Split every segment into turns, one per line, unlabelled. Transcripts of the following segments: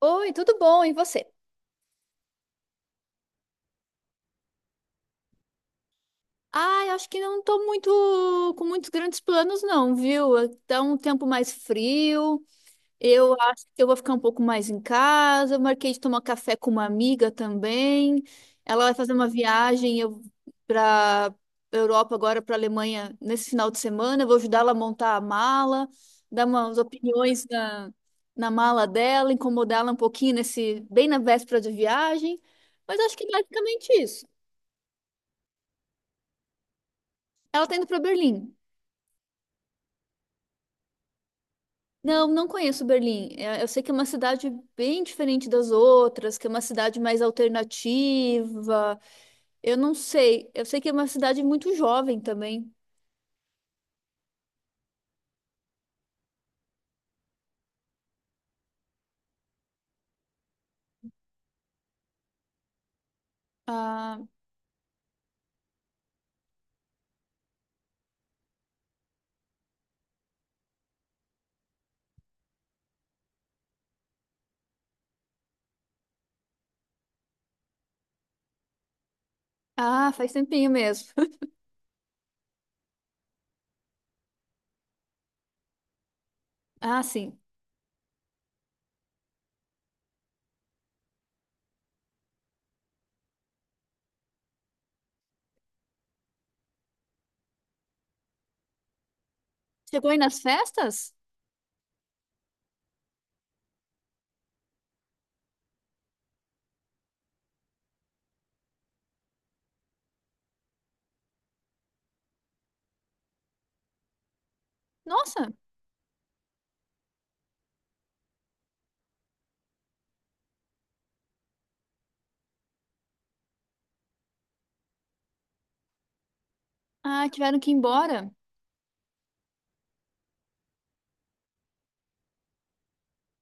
Oi, tudo bom? E você? Ah, eu acho que não tô muito com muitos grandes planos, não, viu? Tá um tempo mais frio. Eu acho que eu vou ficar um pouco mais em casa. Eu marquei de tomar café com uma amiga também. Ela vai fazer uma viagem eu para Europa agora, para Alemanha, nesse final de semana. Eu vou ajudar ela a montar a mala, dar umas opiniões na mala dela, incomodá-la um pouquinho nesse bem na véspera de viagem. Mas acho que é basicamente isso. Ela tá indo pra Berlim. Não, não conheço Berlim. É, eu sei que é uma cidade bem diferente das outras, que é uma cidade mais alternativa. Eu não sei. Eu sei que é uma cidade muito jovem também. Ah, ah, faz tempinho mesmo. Ah, sim. Chegou aí nas festas? Nossa! Ah, tiveram que ir embora.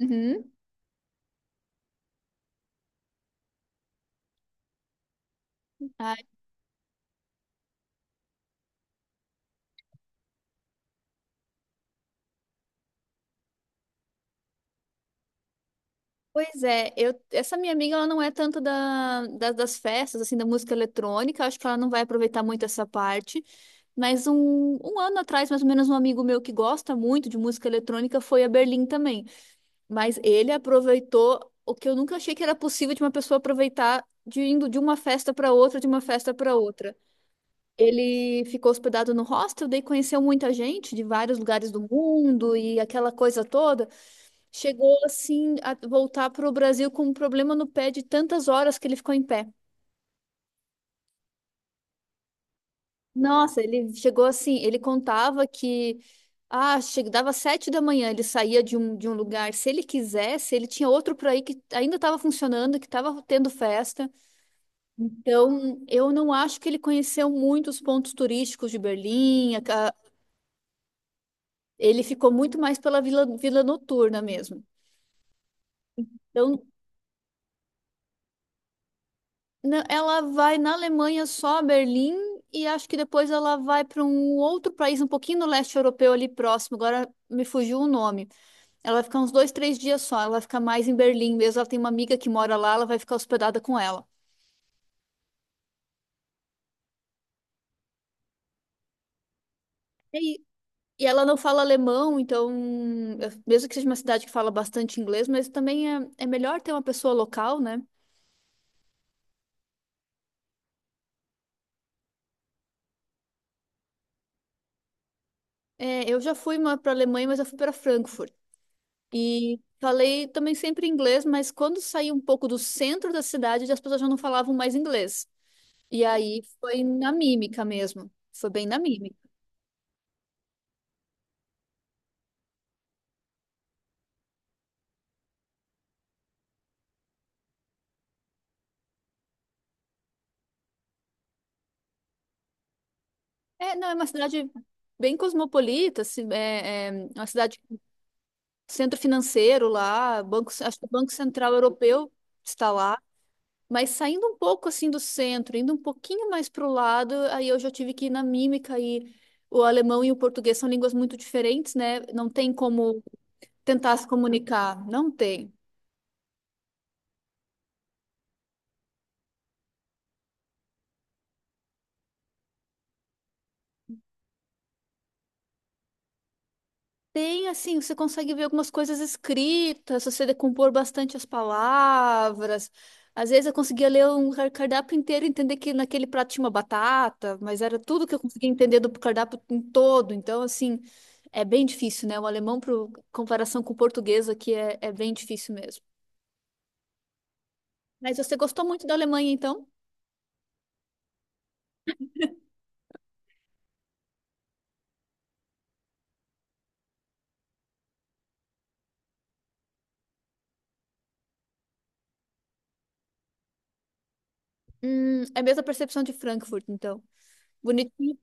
Uhum. Ah, pois é, essa minha amiga ela não é tanto das festas, assim, da música eletrônica, acho que ela não vai aproveitar muito essa parte. Mas um ano atrás, mais ou menos, um amigo meu que gosta muito de música eletrônica foi a Berlim também. Mas ele aproveitou o que eu nunca achei que era possível de uma pessoa aproveitar de indo de uma festa para outra, de uma festa para outra. Ele ficou hospedado no hostel, daí conheceu muita gente de vários lugares do mundo e aquela coisa toda. Chegou assim a voltar para o Brasil com um problema no pé de tantas horas que ele ficou em pé. Nossa, ele chegou assim, ele contava que chegava dava 7 da manhã, ele saía de um lugar, se ele quisesse, ele tinha outro por aí que ainda estava funcionando, que estava tendo festa. Então, eu não acho que ele conheceu muito os pontos turísticos de Berlim, ele ficou muito mais pela vila, vila noturna mesmo. Então, Não, ela vai na Alemanha só a Berlim e acho que depois ela vai para um outro país um pouquinho no leste europeu ali próximo. Agora me fugiu o nome. Ela vai ficar uns dois, três dias só. Ela vai ficar mais em Berlim mesmo. Ela tem uma amiga que mora lá, ela vai ficar hospedada com ela. E, e ela não fala alemão, então, mesmo que seja uma cidade que fala bastante inglês, mas também é melhor ter uma pessoa local, né? É, eu já fui para a Alemanha, mas eu fui para Frankfurt. E falei também sempre inglês, mas quando saí um pouco do centro da cidade, as pessoas já não falavam mais inglês. E aí foi na mímica mesmo. Foi bem na mímica. É, não, é uma cidade bem cosmopolita, assim, é uma cidade centro financeiro lá, banco, acho que o Banco Central Europeu está lá. Mas saindo um pouco assim do centro, indo um pouquinho mais para o lado, aí eu já tive que ir na mímica e o alemão e o português são línguas muito diferentes, né? Não tem como tentar se comunicar. Não tem. Tem, assim, você consegue ver algumas coisas escritas, se você decompor bastante as palavras. Às vezes eu conseguia ler um cardápio inteiro e entender que naquele prato tinha uma batata, mas era tudo que eu conseguia entender do cardápio em todo. Então, assim, é bem difícil, né? O alemão, pro comparação com o português aqui, é bem difícil mesmo. Mas você gostou muito da Alemanha, então? É a mesma percepção de Frankfurt, então. Bonitinho.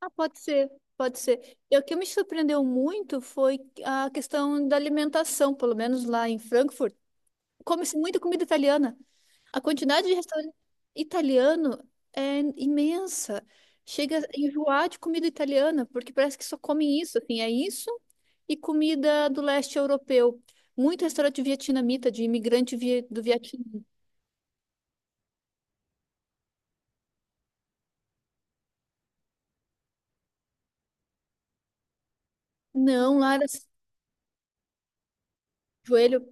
Ah, pode ser, pode ser. E o que me surpreendeu muito foi a questão da alimentação, pelo menos lá em Frankfurt. Come-se muita comida italiana. A quantidade de restaurante italiano é imensa. Chega a enjoar de comida italiana, porque parece que só comem isso, assim, é isso e comida do leste europeu. Muito restaurante vietnamita, de imigrante do Vietnã. Não, Lara, joelho.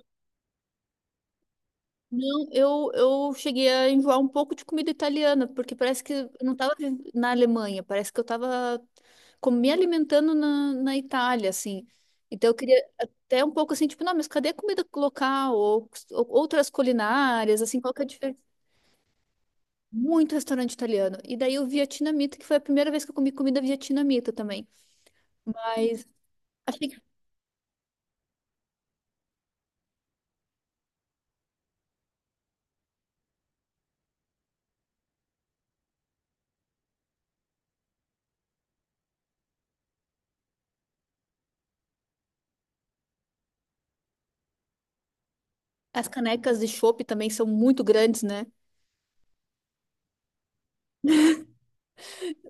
Não, eu cheguei a enjoar um pouco de comida italiana, porque parece que eu não estava na Alemanha, parece que eu estava me alimentando na Itália, assim. Então eu queria até um pouco assim, tipo, não, mas cadê a comida local? Ou outras culinárias, assim, qual que é a diferença? Muito restaurante italiano. E daí o vietnamita, que foi a primeira vez que eu comi comida vietnamita também. Mas achei que as canecas de chopp também são muito grandes, né?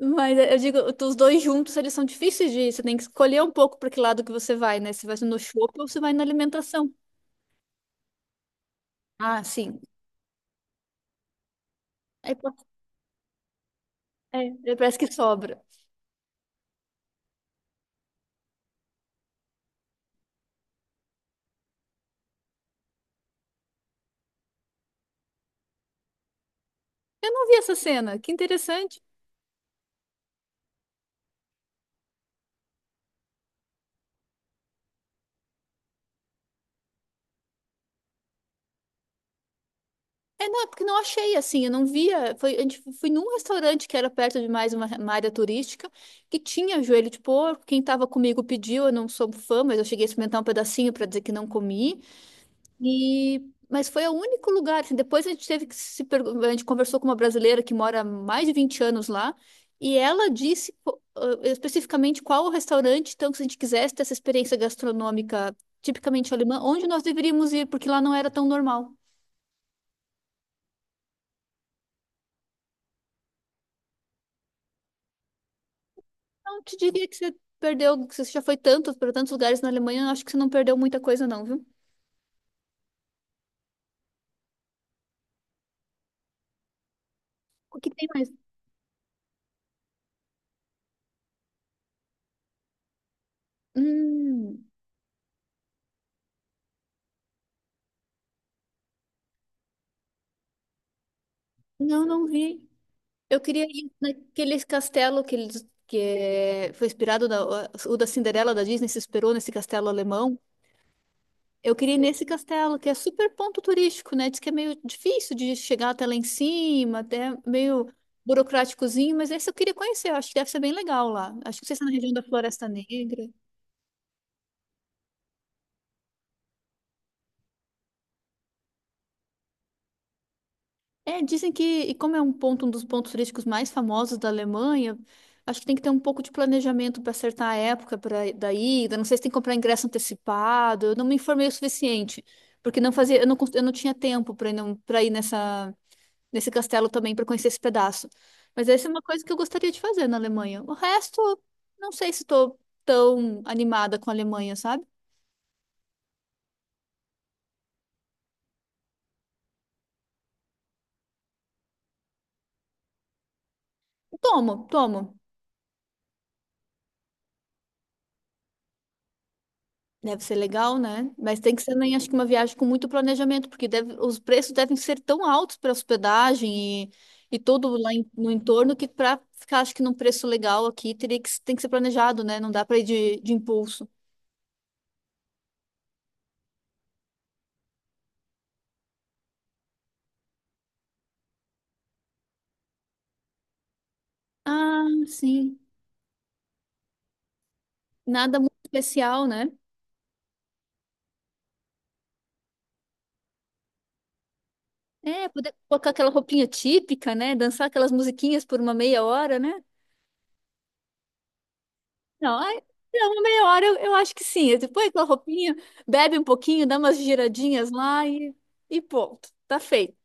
Mas eu digo, os dois juntos, eles são difíceis de ir. Você tem que escolher um pouco para que lado que você vai, né? Se vai no shopping ou se vai na alimentação. Ah, sim. Aí, é, aí parece que sobra. Eu não vi essa cena. Que interessante. É, não, é porque não achei assim. Eu não via. Foi, a gente foi num restaurante que era perto de mais uma área turística que tinha joelho de porco. Quem estava comigo pediu. Eu não sou fã, mas eu cheguei a experimentar um pedacinho para dizer que não comi. E, mas foi o único lugar. Assim, depois a gente teve que se pergu- a gente conversou com uma brasileira que mora há mais de 20 anos lá, e ela disse especificamente qual o restaurante, então, que se a gente quisesse ter essa experiência gastronômica tipicamente alemã, onde nós deveríamos ir, porque lá não era tão normal. Não te diria que você perdeu, que você já foi tanto para tantos lugares na Alemanha, acho que você não perdeu muita coisa, não, viu? O que tem mais? Hum, não, não vi. Eu queria ir naqueles castelo que eles foi inspirado o da Cinderela da Disney se inspirou nesse castelo alemão. Eu queria ir nesse castelo que é super ponto turístico, né? Diz que é meio difícil de chegar até lá em cima, até meio burocráticozinho, mas esse eu queria conhecer. Eu acho que deve ser bem legal lá. Acho que não sei se é na região da Floresta Negra. É, dizem que, e como é um ponto, um dos pontos turísticos mais famosos da Alemanha, acho que tem que ter um pouco de planejamento para acertar a época para da ida. Não sei se tem que comprar ingresso antecipado. Eu não me informei o suficiente, porque não fazia, eu não, eu não tinha tempo para ir, pra ir nesse castelo também para conhecer esse pedaço. Mas essa é uma coisa que eu gostaria de fazer na Alemanha. O resto, não sei se estou tão animada com a Alemanha, sabe? Tomo, tomo. Deve ser legal, né? Mas tem que ser, nem acho que uma viagem com muito planejamento, porque os preços devem ser tão altos para hospedagem e todo lá no entorno que para ficar, acho que num preço legal aqui, tem que ser planejado, né? Não dá para ir de impulso. Ah, sim. Nada muito especial, né? É, poder colocar aquela roupinha típica, né? Dançar aquelas musiquinhas por uma meia hora, né? Não, ai, não, uma meia hora eu acho que sim. Depois aquela roupinha, bebe um pouquinho, dá umas giradinhas lá e pronto, tá feito.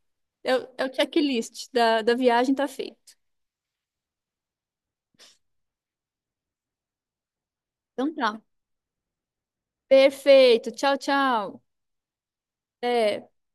É o checklist da viagem tá feito. Então tá. Perfeito. Tchau, tchau. Até.